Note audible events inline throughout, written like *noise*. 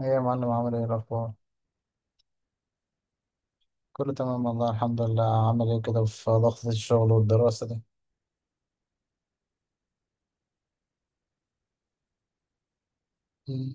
ايه يا معلم، عامل ايه الاخبار؟ كله تمام والله الحمد لله. عامل ايه كده في ضغط الشغل والدراسة دي؟ مم.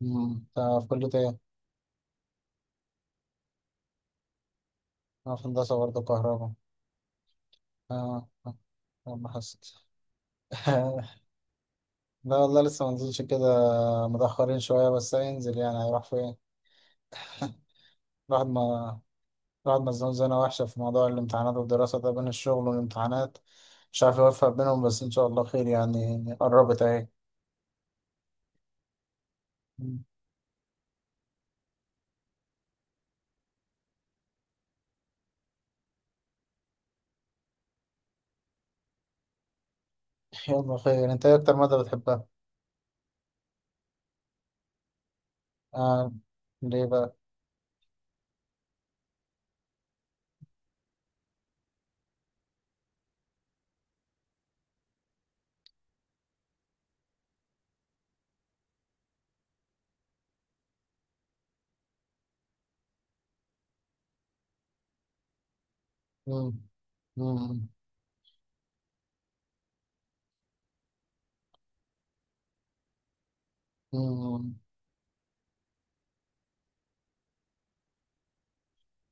مم. انت في كلية ايه؟ انا في هندسة برضه كهرباء. اه، آه، آه، ما حسيت. *laughs* لا والله لسه ما نزلش كده، متأخرين شوية بس هينزل، يعني هيروح فين؟ الواحد ما الواحد مزنوق زنقة وحشة في موضوع الامتحانات والدراسة ده، بين الشغل والامتحانات مش عارف يوفق بينهم. بس ان شاء الله خير، يعني قربت اهي. مم. *laughs* يلا خير. انت ايه اكتر مادة بتحبها؟ آه. ليه بقى؟ مم. مم. مم.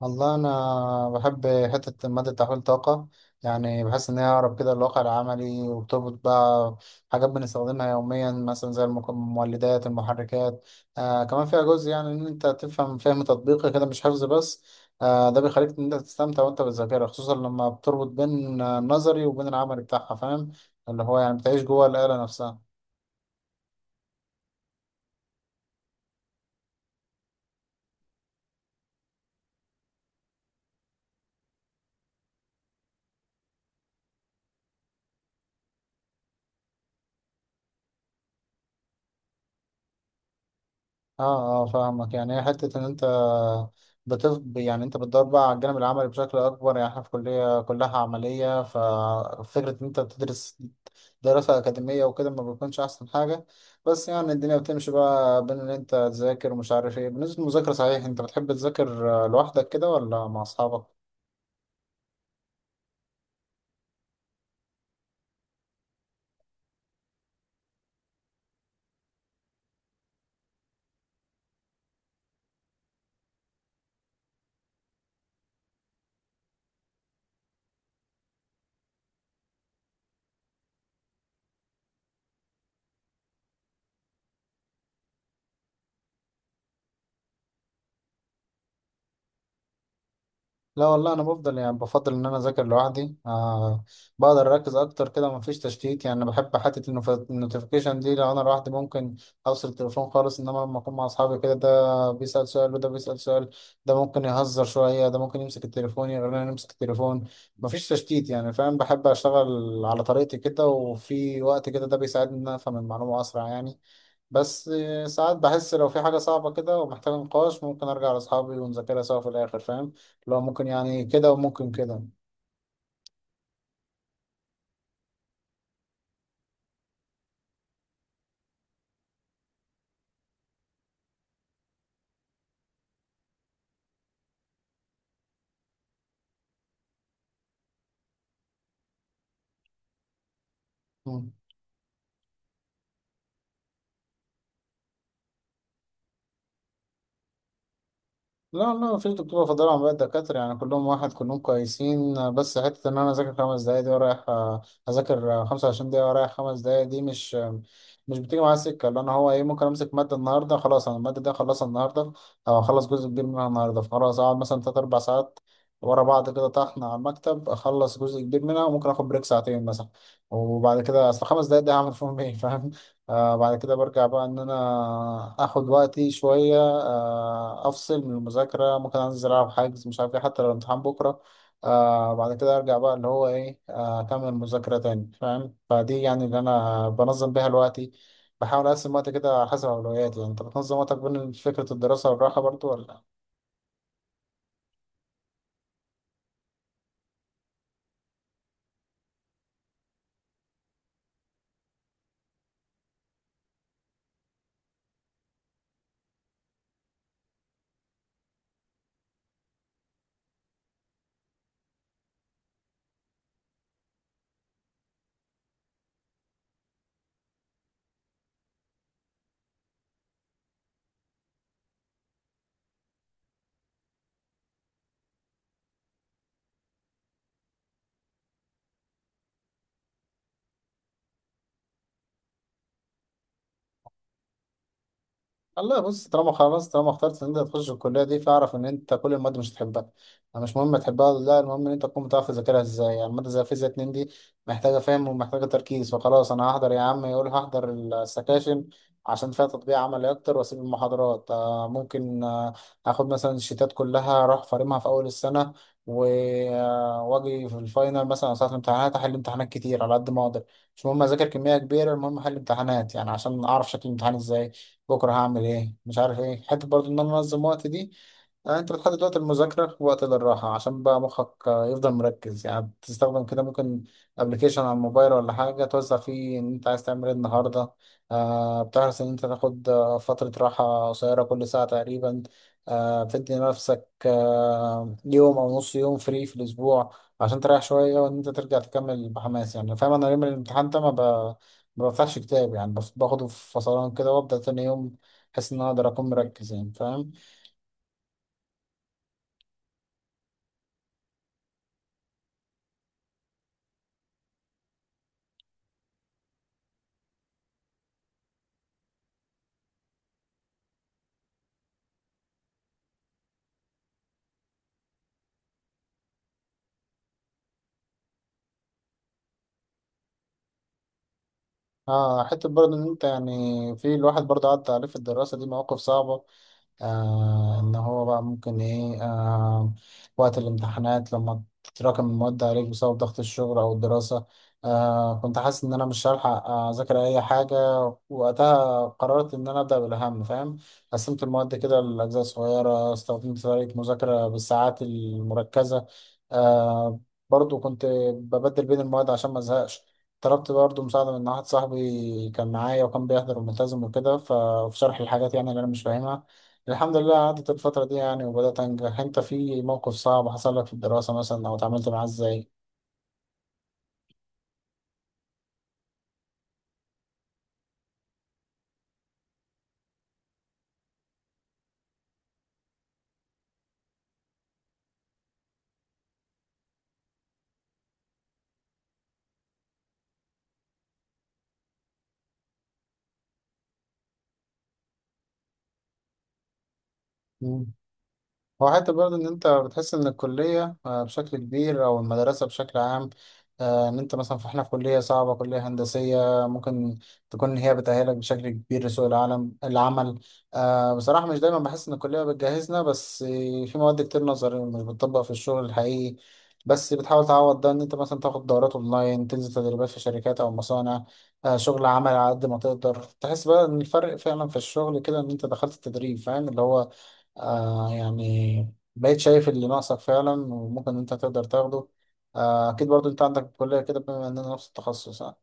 والله أنا بحب حتة مادة تحويل الطاقة. يعني بحس إن هي أقرب كده للواقع العملي، وبتربط بقى حاجات بنستخدمها يوميا، مثلا زي المولدات، المحركات. آه كمان فيها جزء، يعني إن أنت تفهم فهم تطبيقي كده مش حفظ بس. آه ده بيخليك إن أنت تستمتع وأنت بتذاكرها، خصوصا لما بتربط بين النظري وبين العملي بتاعها، فاهم؟ اللي هو يعني بتعيش جوه الآلة نفسها. اه اه فاهمك. يعني هي حتة ان انت يعني انت بتدور بقى على الجانب العملي بشكل اكبر. يعني احنا في كلية كلها عملية، ففكرة ان انت بتدرس دراسة اكاديمية وكده ما بيكونش احسن حاجة. بس يعني الدنيا بتمشي بقى بين ان انت تذاكر ومش عارف ايه. بالنسبة للمذاكرة صحيح، انت بتحب تذاكر لوحدك كده ولا مع اصحابك؟ لا والله انا بفضل، يعني بفضل ان انا اذاكر لوحدي. آه بقدر اركز اكتر كده، مفيش تشتيت. يعني انا بحب حته النوتيفيكيشن دي. لو انا لوحدي ممكن اوصل التليفون خالص، انما لما اكون مع اصحابي كده ده بيسال سؤال وده بيسال سؤال، ده ممكن يهزر شويه، ده ممكن يمسك التليفون يغير، انا امسك التليفون، مفيش تشتيت يعني، فاهم. بحب اشتغل على طريقتي كده وفي وقت كده، ده بيساعدني ان انا افهم المعلومه اسرع يعني. بس ساعات بحس لو في حاجة صعبة كده ومحتاجة نقاش ممكن أرجع لأصحابي ونذاكرها سوا في الآخر، فاهم؟ لو ممكن يعني كده وممكن كده. لا لا، مفيش دكتور بفضل عن باقي الدكاترة، يعني كلهم واحد كلهم كويسين. بس حتة إن أنا أذاكر 5 دقايق دي ورايح أذاكر 25 دقيقة ورايح 5 دقايق دي مش بتيجي معايا. سكة اللي أنا هو إيه؟ ممكن أمسك مادة النهاردة، خلاص أنا المادة دي أخلصها النهاردة أو أخلص جزء كبير منها النهاردة. فخلاص أقعد مثلا تلات أربع ساعات ورا بعض كده طحن على المكتب، أخلص جزء كبير منها، وممكن آخد بريك ساعتين مثلا. وبعد كده أصل 5 دقايق دي هعمل فيهم إيه؟ *laughs* فاهم. آه بعد كده برجع بقى ان انا اخد وقتي شوية. آه افصل من المذاكرة، ممكن انزل العب حجز مش عارف ايه، حتى لو الامتحان بكرة. آه بعد كده ارجع بقى اللي هو ايه، اكمل مذاكرة تاني، فاهم؟ فدي يعني اللي انا بنظم بيها الوقتي. بحاول اقسم وقتي كده على حسب اولوياتي. يعني انت بتنظم وقتك بين فكرة الدراسة والراحة برضو ولا؟ والله بص، طالما خلاص طالما اخترت ان انت تخش الكليه دي فاعرف ان انت كل المواد مش هتحبها. يعني مش مهم تحبها ولا لا، المهم ان انت تكون بتعرف تذاكرها ازاي. يعني ماده زي فيزياء 2 دي محتاجه فهم ومحتاجه تركيز، فخلاص انا هحضر يا عم، يقول هحضر السكاشن عشان فيها تطبيق عملي اكتر، واسيب المحاضرات. ممكن اخد مثلا الشيتات كلها اروح فارمها في اول السنه و- واجي في الفاينل مثلا أو ساعه الامتحانات احل امتحانات كتير على قد ما اقدر. مش مهم اذاكر كميه كبيره، المهم احل امتحانات، يعني عشان اعرف شكل الامتحان ازاي، بكره هعمل ايه مش عارف ايه. حته برضو ان انا انظم وقت دي، انت بتحدد وقت المذاكره ووقت للراحه عشان بقى مخك يفضل مركز. يعني بتستخدم كده ممكن ابلكيشن على الموبايل ولا حاجه توزع فيه ان انت عايز تعمل ايه النهارده. آه بتحرص ان انت تاخد فتره راحه قصيره كل ساعه تقريبا. آه بتدي نفسك آه يوم او نص يوم فري في الاسبوع عشان تريح شويه وان انت ترجع تكمل بحماس يعني، فاهم. انا يوم الامتحان ده ما بفتحش كتاب، يعني باخده في فصلان كده وابدا تاني يوم. احس ان انا اقدر اكون مركز يعني، فاهم. اه حته برضه ان انت يعني في الواحد برضه عدى عليه في الدراسه دي مواقف صعبه. آه إن هو بقى ممكن إيه، آه وقت الامتحانات لما تتراكم المواد عليك بسبب ضغط الشغل أو الدراسة. آه كنت حاسس إن أنا مش هلحق أذاكر أي حاجة. وقتها قررت إن أنا أبدأ بالأهم، فاهم. قسمت المواد كده لأجزاء صغيرة، استخدمت طريقة مذاكرة بالساعات المركزة. آه برضو كنت ببدل بين المواد عشان ما أزهقش. طلبت برضه مساعدة من واحد صاحبي، كان معايا وكان بيحضر وملتزم وكده، ففي شرح الحاجات يعني اللي أنا مش فاهمها. الحمد لله عدت الفترة دي يعني وبدأت أنجح. أنت في موقف صعب حصل لك في الدراسة مثلا أو اتعاملت معاه إزاي؟ مم. هو حتى برضه إن أنت بتحس إن الكلية بشكل كبير، أو المدرسة بشكل عام إن أنت مثلا، فإحنا في كلية صعبة، كلية هندسية، ممكن تكون هي بتأهلك بشكل كبير لسوق العالم العمل. بصراحة مش دايما بحس إن الكلية بتجهزنا، بس في مواد كتير نظري ومش بتطبق في الشغل الحقيقي. بس بتحاول تعوض ده إن أنت مثلا تاخد دورات أونلاين، تنزل تدريبات في شركات أو مصانع. شغل عمل على قد ما تقدر تحس بقى إن الفرق فعلا في الشغل كده إن أنت دخلت التدريب، فاهم؟ اللي هو آه يعني بقيت شايف اللي ناقصك فعلا وممكن انت تقدر تاخده. آه اكيد برضو انت عندك في الكلية كده، بما اننا نفس التخصص، اه.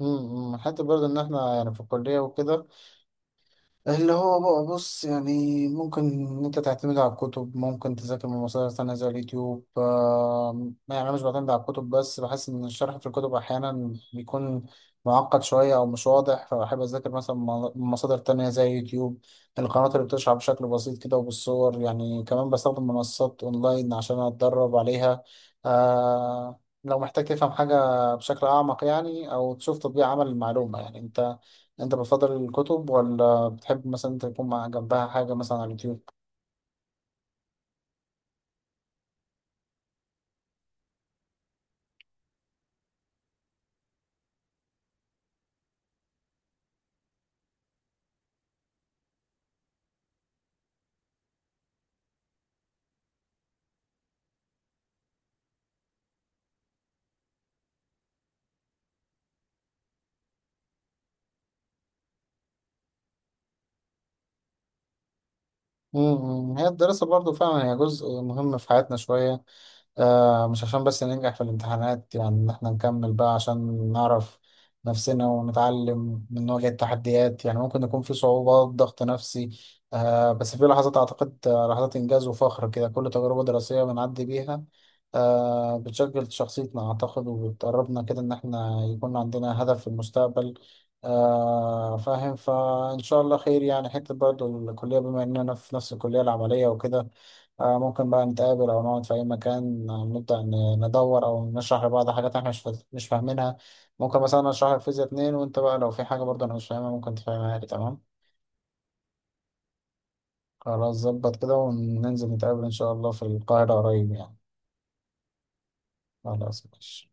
حتى برضو ان احنا يعني في الكلية وكده، اللي هو بقى بص يعني ممكن إن أنت تعتمد على الكتب، ممكن تذاكر من مصادر تانية زي اليوتيوب. يعني أنا مش بعتمد على الكتب بس، بحس إن الشرح في الكتب أحيانا بيكون معقد شوية أو مش واضح، فبحب أذاكر مثلا من مصادر تانية زي اليوتيوب، القنوات اللي بتشرح بشكل بسيط كده وبالصور يعني. كمان بستخدم منصات أونلاين عشان أتدرب عليها. لو محتاج تفهم حاجة بشكل أعمق، يعني أو تشوف تطبيق عمل المعلومة. يعني أنت بتفضل الكتب، ولا بتحب مثلا انت يكون مع جنبها حاجة مثلا على اليوتيوب؟ مم، هي الدراسة برضو فعلا هي جزء مهم في حياتنا شوية. آه مش عشان بس ننجح في الامتحانات، يعني ان احنا نكمل بقى عشان نعرف نفسنا ونتعلم من نواجه التحديات. يعني ممكن يكون في صعوبات، ضغط نفسي. آه بس في لحظات اعتقد، لحظات انجاز وفخر كده. كل تجربة دراسية بنعدي بيها آه بتشكل شخصيتنا اعتقد، وبتقربنا كده ان احنا يكون عندنا هدف في المستقبل، آه فاهم. فإن شاء الله خير يعني. حتة برضه الكلية بما إننا في نفس الكلية العملية وكده، آه ممكن بقى نتقابل أو نقعد في أي مكان، نبدأ ندور أو نشرح لبعض حاجات إحنا مش فاهمينها. ممكن مثلا أشرح لك فيزياء 2 وأنت بقى لو في حاجة برضه أنا مش فاهمها ممكن تفهمها لي، تمام. خلاص ظبط كده، وننزل نتقابل إن شاء الله في القاهرة قريب يعني. خلاص ماشي